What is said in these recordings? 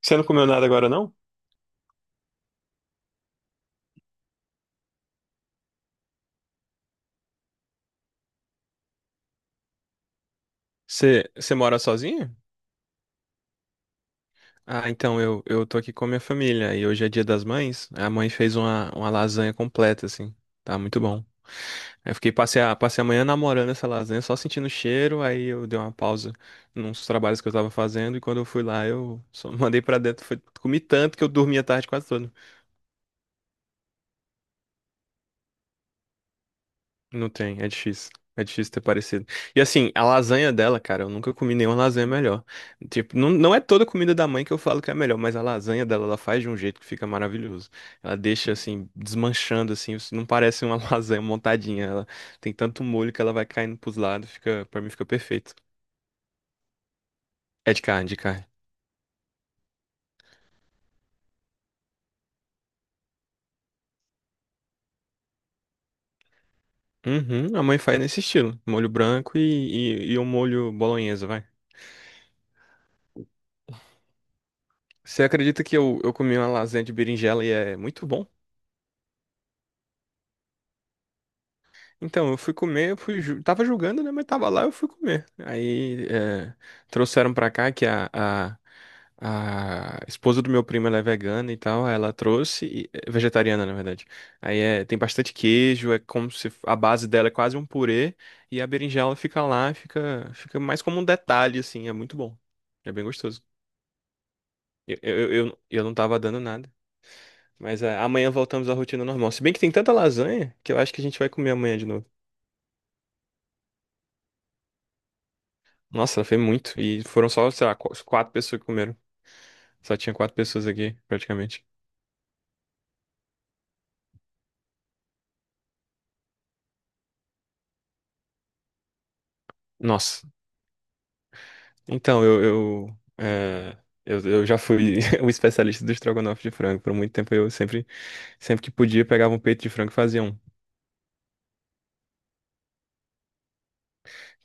Você não comeu nada agora, não? Você mora sozinho? Ah, então eu tô aqui com a minha família e hoje é Dia das Mães. A mãe fez uma lasanha completa, assim. Tá muito bom. Aí eu fiquei, passei a manhã namorando essa lasanha, só sentindo o cheiro. Aí eu dei uma pausa nos trabalhos que eu tava fazendo e quando eu fui lá, eu só mandei pra dentro. Comi tanto que eu dormi a tarde quase toda. Não tem, é difícil. É difícil ter parecido. E assim, a lasanha dela, cara, eu nunca comi nenhuma lasanha melhor. Tipo, não é toda comida da mãe que eu falo que é a melhor, mas a lasanha dela, ela faz de um jeito que fica maravilhoso. Ela deixa, assim, desmanchando, assim, isso não parece uma lasanha montadinha. Ela tem tanto molho que ela vai caindo pros lados, fica, pra mim fica perfeito. É de carne, de carne. Uhum, a mãe faz nesse estilo. Molho branco e um molho bolonhesa, vai. Você acredita que eu comi uma lasanha de berinjela e é muito bom? Então, eu fui comer, eu fui, tava julgando, né? Mas tava lá, eu fui comer. Aí é, trouxeram pra cá a esposa do meu primo, ela é vegana e tal, aí ela trouxe, é vegetariana, na verdade. Aí é, tem bastante queijo, é como se f- a base dela é quase um purê, e a berinjela fica lá, fica mais como um detalhe, assim, é muito bom. É bem gostoso. Eu não tava dando nada. Mas é, amanhã voltamos à rotina normal. Se bem que tem tanta lasanha que eu acho que a gente vai comer amanhã de novo. Nossa, foi muito. E foram só, sei lá, quatro pessoas que comeram. Só tinha quatro pessoas aqui, praticamente. Nossa. Então, eu já fui o especialista do estrogonofe de frango. Por muito tempo, sempre que podia, pegava um peito de frango e fazia um.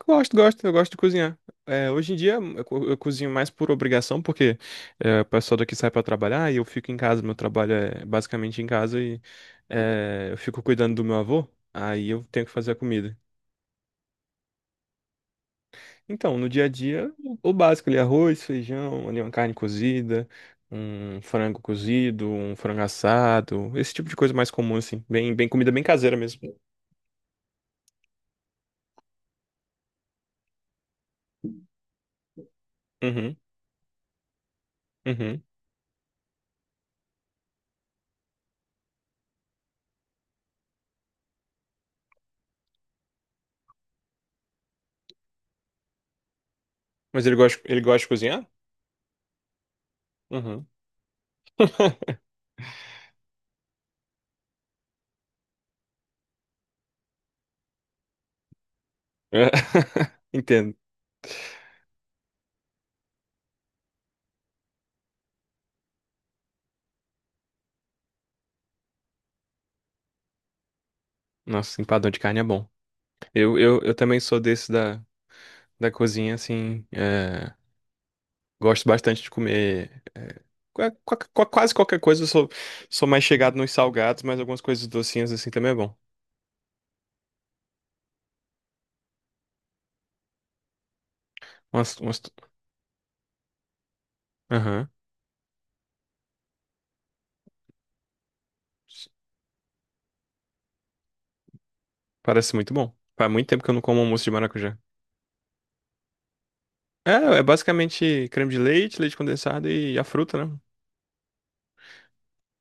Gosto, gosto, eu gosto de cozinhar. É, hoje em dia, eu cozinho mais por obrigação, porque é, o pessoal daqui sai pra trabalhar e eu fico em casa. Meu trabalho é basicamente em casa e é, eu fico cuidando do meu avô. Aí eu tenho que fazer a comida. Então, no dia a dia, o básico ali, arroz, feijão, ali uma carne cozida, um frango cozido, um frango assado, esse tipo de coisa mais comum, assim, bem comida bem caseira mesmo. Uhum, uhum. Mas ele gosta de cozinhar? Uhum. É. Entendo. Nossa, empadão de carne é bom. Eu também sou desse da, da cozinha, assim, é, gosto bastante de comer quase qualquer coisa, sou mais chegado nos salgados, mas algumas coisas docinhas, assim, também é bom. Umas. Aham. Parece muito bom. Faz muito tempo que eu não como almoço de maracujá. É, é basicamente creme de leite, leite condensado e a fruta, né?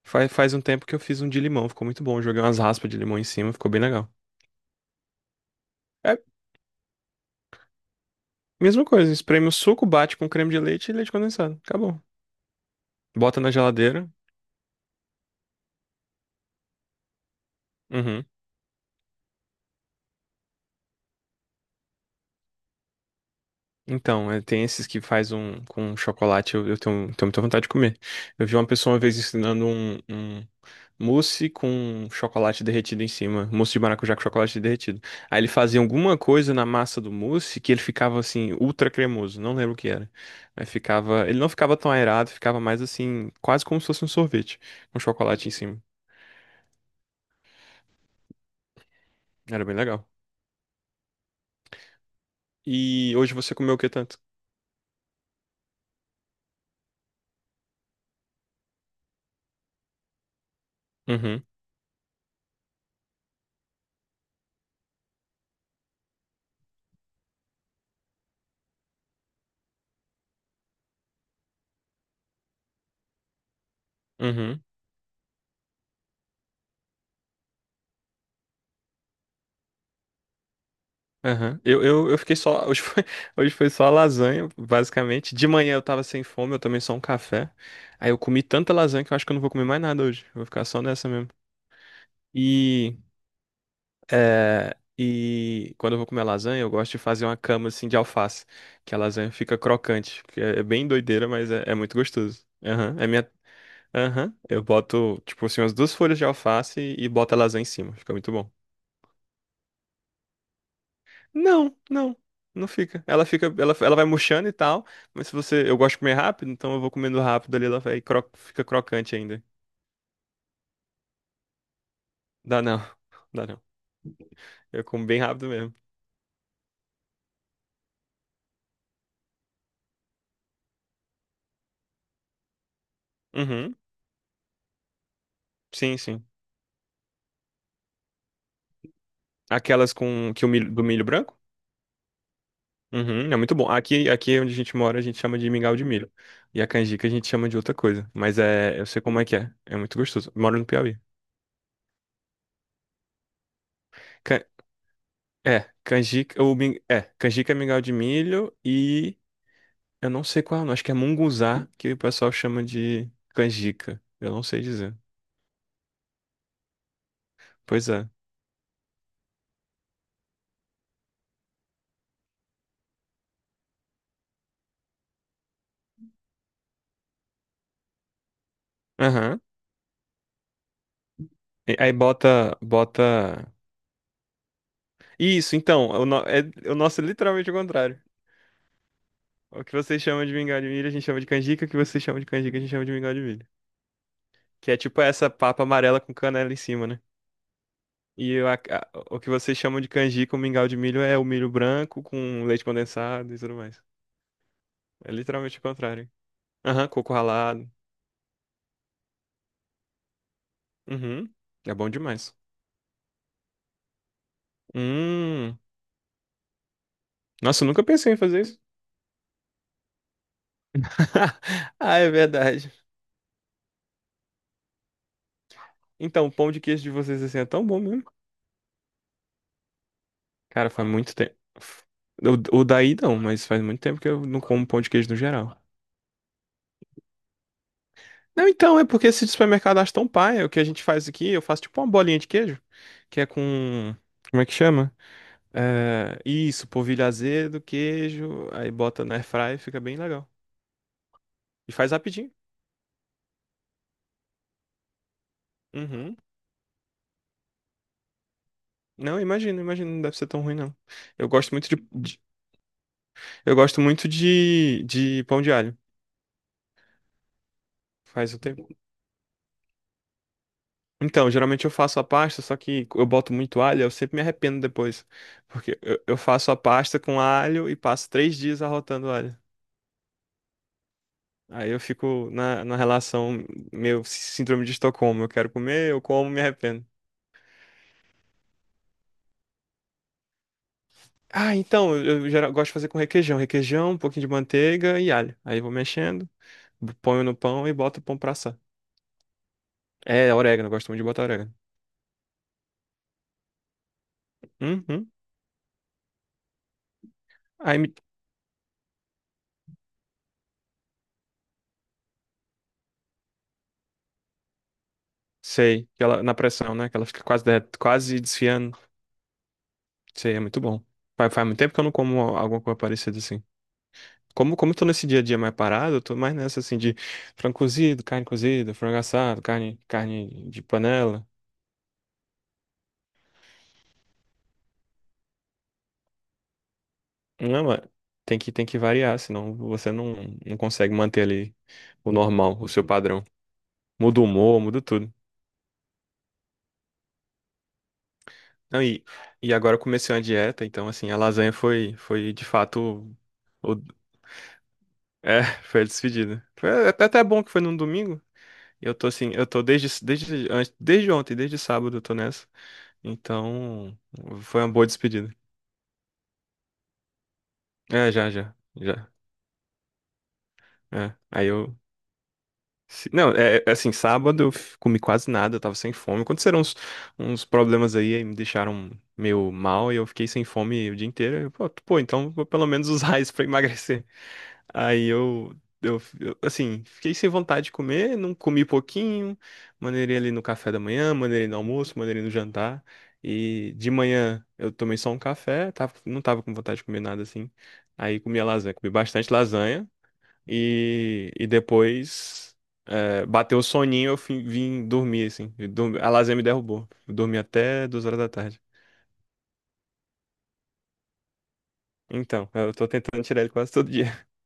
Faz, faz um tempo que eu fiz um de limão, ficou muito bom. Joguei umas raspas de limão em cima, ficou bem legal. É, mesma coisa, espreme o suco, bate com creme de leite e leite condensado. Acabou. Bota na geladeira. Uhum. Então, é, tem esses que faz um com chocolate, eu tenho, tenho muita vontade de comer. Eu vi uma pessoa uma vez ensinando um mousse com chocolate derretido em cima. Mousse de maracujá com chocolate derretido. Aí ele fazia alguma coisa na massa do mousse que ele ficava assim, ultra cremoso. Não lembro o que era. Mas ficava. Ele não ficava tão aerado, ficava mais assim, quase como se fosse um sorvete, com chocolate em cima. Era bem legal. E hoje você comeu o que tanto? Uhum, uhum. Aham. Eu fiquei só. Hoje foi, hoje foi só lasanha, basicamente. De manhã eu tava sem fome, eu tomei só um café. Aí eu comi tanta lasanha que eu acho que eu não vou comer mais nada hoje. Eu vou ficar só nessa mesmo. E é, e quando eu vou comer lasanha, eu gosto de fazer uma cama assim de alface, que a lasanha fica crocante, que é é bem doideira, mas é muito gostoso. Aham, é minha. Aham, eu boto, tipo assim, umas duas folhas de alface e boto a lasanha em cima, fica muito bom. Não, não fica. Ela fica, ela vai murchando e tal, mas se você, eu gosto de comer rápido, então eu vou comendo rápido ali, ela vai, fica crocante ainda. Dá não, dá não. Eu como bem rápido mesmo. Uhum, sim, sim. Aquelas com que o milho, do milho branco? Uhum, é muito bom. Aqui onde a gente mora, a gente chama de mingau de milho. E a canjica a gente chama de outra coisa. Mas é, eu sei como é que é. É muito gostoso. Eu moro no Piauí. Can- É, canjica, é, canjica é mingau de milho e eu não sei qual é o nome. Acho que é munguzá, que o pessoal chama de canjica. Eu não sei dizer. Pois é. Aham. E aí bota, bota. Isso, então, o no- é, o nosso é literalmente o contrário. O que vocês chamam de mingau de milho, a gente chama de canjica. O que vocês chamam de canjica, a gente chama de mingau de milho. Que é tipo essa papa amarela com canela em cima, né? E o que vocês chamam de canjica, o mingau de milho, é o milho branco com leite condensado e tudo mais. É literalmente o contrário. Aham, coco ralado. Uhum. É bom demais. Hum. Nossa, eu nunca pensei em fazer isso. Ah, é verdade. Então, o pão de queijo de vocês assim é tão bom mesmo. Cara, faz muito tempo. O daí não, mas faz muito tempo que eu não como pão de queijo no geral. Não, então, é porque esse de supermercado acha tão paia. O que a gente faz aqui, eu faço tipo uma bolinha de queijo, que é com. Como é que chama? É, isso, polvilho azedo, queijo, aí bota na airfryer, fica bem legal. E faz rapidinho. Uhum. Não, imagina, imagina, não deve ser tão ruim, não. Eu gosto muito eu gosto muito de pão de alho. Faz o tempo. Então, geralmente eu faço a pasta, só que eu boto muito alho, eu sempre me arrependo depois. Porque eu faço a pasta com alho e passo três dias arrotando alho. Aí eu fico na relação meio síndrome de Estocolmo. Eu quero comer, eu como, me arrependo. Ah, então, gosto de fazer com requeijão. Requeijão, um pouquinho de manteiga e alho. Aí eu vou mexendo, ponho no pão e boto o pão pra assar. É, orégano, eu gosto muito de botar orégano. Uhum. Aí me... Sei, que ela, na pressão, né? Que ela fica quase, quase desfiando. Sei, é muito bom. Faz, faz muito tempo que eu não como alguma coisa parecida assim. Como eu tô nesse dia a dia mais parado, eu tô mais nessa assim de frango cozido, carne cozida, frango assado, carne, carne de panela. Não, mas tem que variar, senão você não, não consegue manter ali o normal, o seu padrão. Muda o humor, muda tudo. Não, e agora eu comecei uma dieta, então assim, a lasanha foi, foi de fato o, o- é, foi a despedida. Foi até bom que foi num domingo. Eu tô assim, eu tô desde ontem, desde sábado eu tô nessa. Então, foi uma boa despedida. É, já, já, já. É. Aí eu Não, é assim, sábado eu comi quase nada, eu tava sem fome. Aconteceram uns problemas aí, aí me deixaram meio mal e eu fiquei sem fome o dia inteiro. Eu, pô, pô, então vou pelo menos usar isso pra emagrecer. Aí assim, fiquei sem vontade de comer, não comi pouquinho, maneirei ali no café da manhã, maneirei no almoço, maneirei no jantar. E de manhã eu tomei só um café, tava, não tava com vontade de comer nada assim. Aí comi a lasanha, comi bastante lasanha. E depois é, bateu o soninho, vim dormir, assim. E a lasanha me derrubou. Eu dormi até 2 horas da tarde. Então, eu tô tentando tirar ele quase todo dia.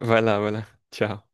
Vai lá, vai lá. Tchau.